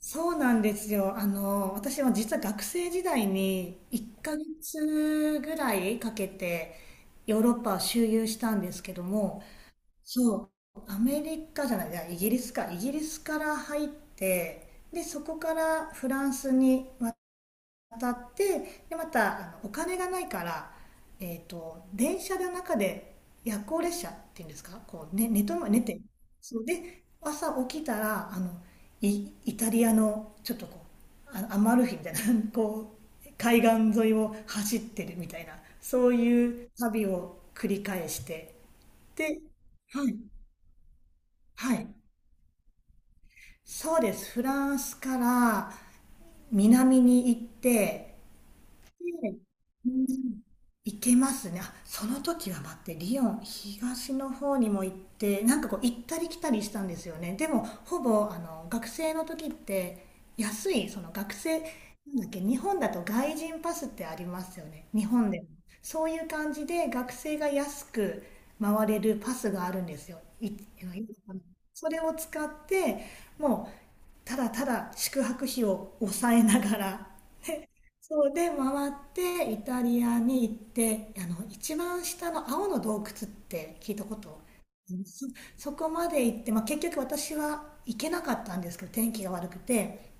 そうなんですよ。私は実は学生時代に1ヶ月ぐらいかけてヨーロッパを周遊したんですけども、そう、アメリカじゃない、いやイギリスか、イギリスから入って、で、そこからフランスに当たって、で、またお金がないから、電車の中で、夜行列車っていうんですか、こう、ね、寝て、そうで、朝起きたらイタリアのちょっとこう、アマルフィみたいな こう海岸沿いを走ってるみたいな、そういう旅を繰り返して。ではいはい、そうです。フランスから南に行って。で、うん、行けますね。あ、その時は待って、リヨン、東の方にも行って、なんかこう行ったり来たりしたんですよね。でも、ほぼ、学生の時って、安い、その学生、なんだっけ、日本だと外人パスってありますよね。日本でも。そういう感じで、学生が安く回れるパスがあるんですよ。いいのかな、それを使って、もう、ただただ宿泊費を抑えながら、そうで回って、イタリアに行って、一番下の青の洞窟って聞いたこと、そ、そこまで行って、まあ、結局私は行けなかったんですけど、天気が悪くて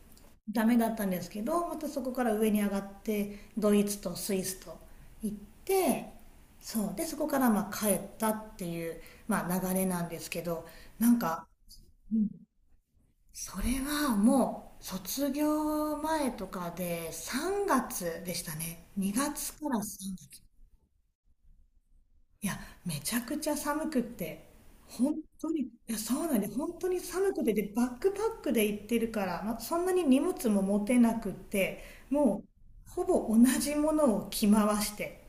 ダメだったんですけど、またそこから上に上がってドイツとスイスと行って、そうで、そこからまあ帰ったっていう、まあ、流れなんですけど。なんか、それはもう卒業前とかで3月でしたね。2月から3月。いや、めちゃくちゃ寒くって。本当に、いや、そうなんで、本当に寒くて、で、バックパックで行ってるから、まあ、そんなに荷物も持てなくって、もう、ほぼ同じものを着回して、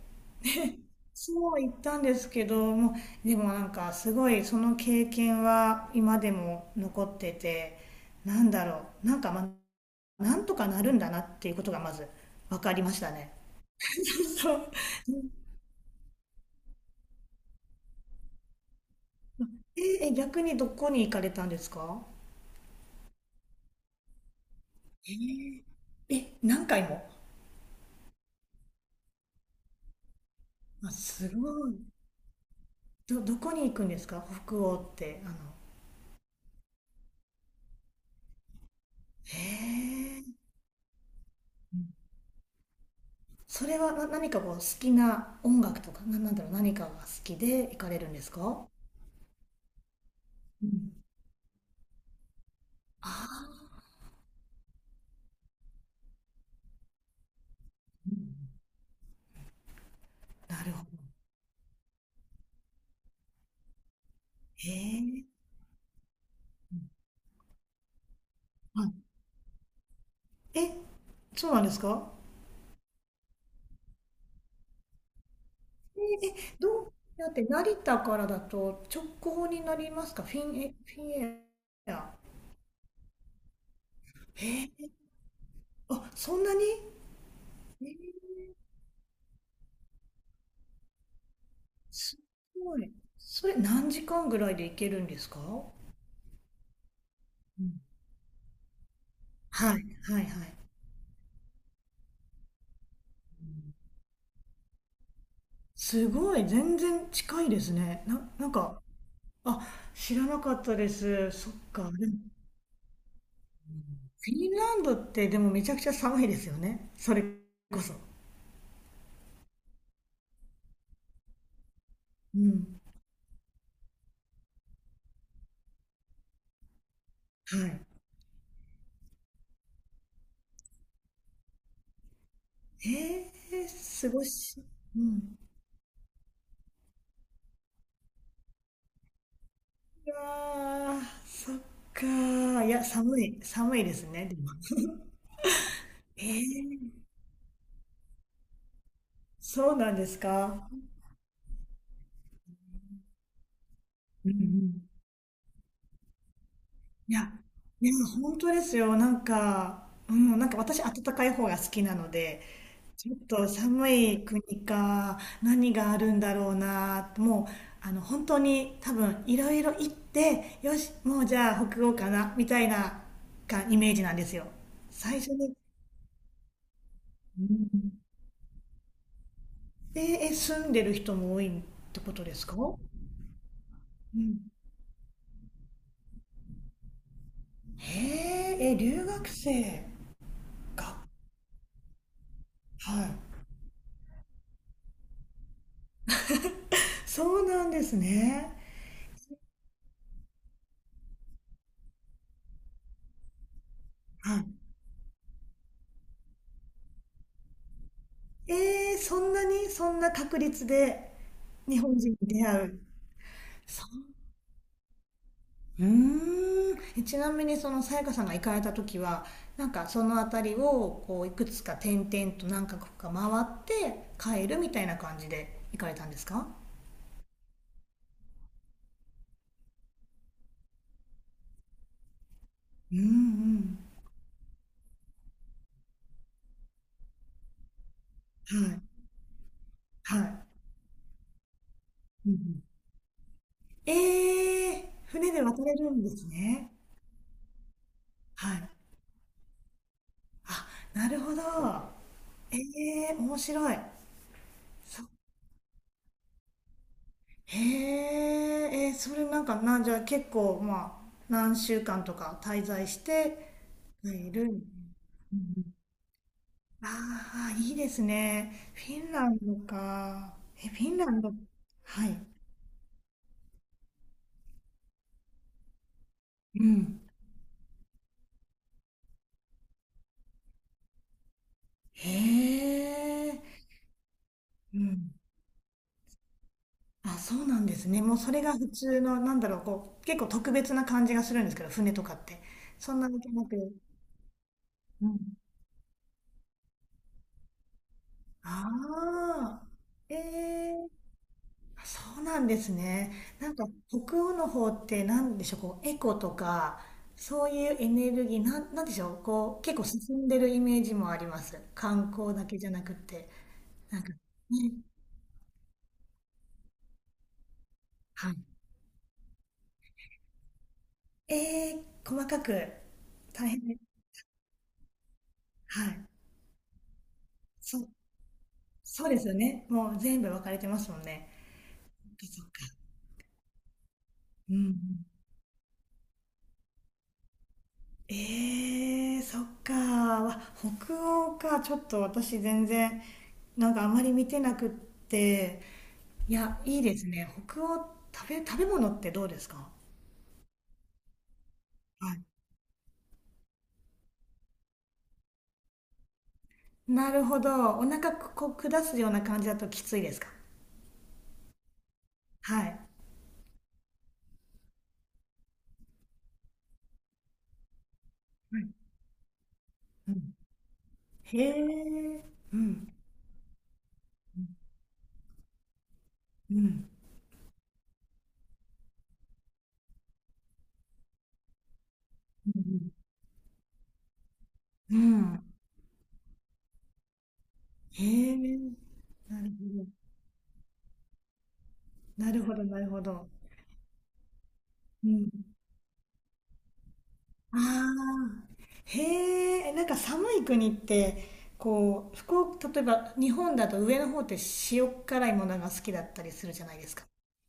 そう言ったんですけども。でもなんか、すごい、その経験は今でも残ってて、なんだろう、なんか、まあ、なんとかなるんだなっていうことがまず分かりましたね。そう。ええ、逆にどこに行かれたんですか？ええ、え、何回も？あ、すごい。どこに行くんですか？北欧って、へえ。うん。それは、何かこう、好きな音楽とか、なんだろう、何かが好きで行かれるんですか？うん。ああ、なるほど。へえ。はい。え、そうなんですか？え、えどうやって、成田からだと直行になりますか？フィンエア。えあ、そんなに。えーすごい。それ何時間ぐらいで行けるんですか？うん。はい、はい、はい。すごい、全然近いですね。なんか、あ、知らなかったです。そっか。でも、フィンランドってでもめちゃくちゃ寒いですよね、それこそ。うん。はい。過ごし。うん。いやー、そっかー。いや、寒い、寒いですね、でも。えー、そうなんですか。うんうん。いや、いや、本当ですよ。なんか、うん、なんか私、暖かい方が好きなので、ちょっと寒い国か、何があるんだろうな、もう、本当に多分、いろいろ行って、よし、もうじゃあ北欧かな、みたいな、か、イメージなんですよ。最初に、うん。ええ、住んでる人も多いってことですか？うん。へえ、え、留学生が、はい。そうなんですね。はい。ええ、そんなに、そんな確率で日本人に出会う。そう。うーん。え、ちなみにそのさやかさんが行かれた時は、なんかその辺りをこう、いくつか転々と何カ国か回って帰るみたいな感じで行かれたんですか？うんうん。はい。はい。うんうん。ええ、船で渡れるんですね。はい。あ、なるほど。ええ、面白い。そへえ、それなんか、じゃあ結構、まあ、何週間とか滞在している。うんうん。ああ、いいですね。フィンランドか。え、フィンランド。はい。うん。へえ。うん。あ、そうなんですね。もうそれが普通の、なんだろう、こう、結構特別な感じがするんですけど、船とかって。そんなわけなく。うん。ああ、ええ、そうなんですね。なんか、北欧の方ってなんでしょう、こう、エコとか、そういうエネルギー、なんでしょう、こう、結構進んでるイメージもあります。観光だけじゃなくて。なんか、ね、はい。ええ、細かく、大変ね。はい。そうそうですよね。もう全部分かれてますもんね。そっか。うんうん。そっか。わ北欧か。ちょっと私全然、なんかあまり見てなくって。いや、いいですね。北欧、食べ物ってどうですか？はい。なるほど。お腹こう下すような感じだときついですか？はい。はい。うん。へえ。うん。うん。うん。うん。へえ。なるほど。なるほど、なるほど。うん。ああ、へえ、なんか寒い国って、こう、福岡、例えば日本だと上の方って塩辛いものが好きだったりするじゃないですか。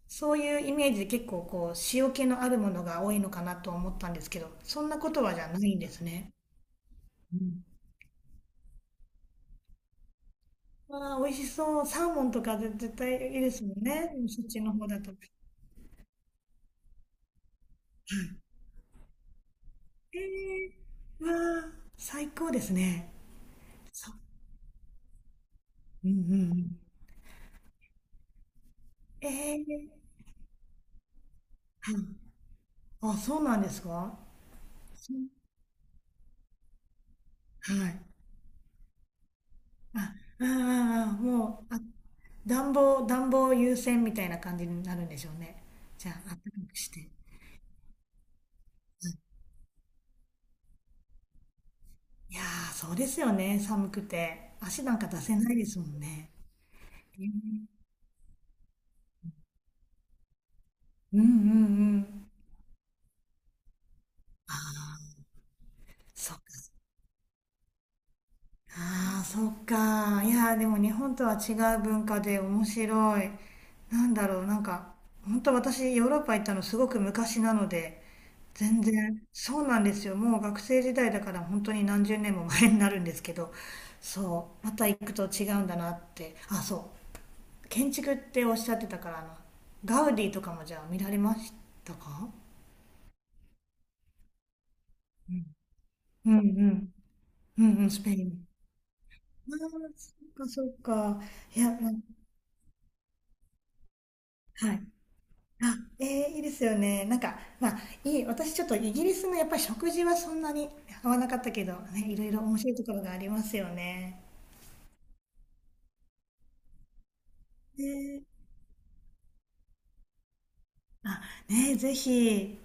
そういうイメージで、結構こう、塩気のあるものが多いのかなと思ったんですけど、そんなことはじゃないんですね。うん。わあ、美味しそう。サーモンとか、絶対いいですもんね、そっちの方だと。ええ、わあ、最高ですね。そう。うんうんうん。ええ、はい。あ、そうなんですか？はい。あ、ああ、あ、もう、あ、暖房優先みたいな感じになるんでしょうね。じゃあ、あったかくして。いやー、そうですよね、寒くて。足なんか出せないですもんね。えーうんうんうん。そっか。ああ、そっか。いやー、でも日本とは違う文化で面白い。なんだろう、なんか、本当私、ヨーロッパ行ったのすごく昔なので、全然、そうなんですよ。もう学生時代だから本当に何十年も前になるんですけど、そう、また行くと違うんだなって。あ、そう。建築っておっしゃってたから、ガウディとかもじゃあ見られましたか？うんうんうんうんうん、スペイン。ああ、そっかそっか。いや、まあ、はい。あ、いいですよね。なんか、まあ、いい、私ちょっとイギリスのやっぱり食事はそんなに合わなかったけど、ね、いろいろ面白いところがありますよね。ねあ、ね、ぜひ。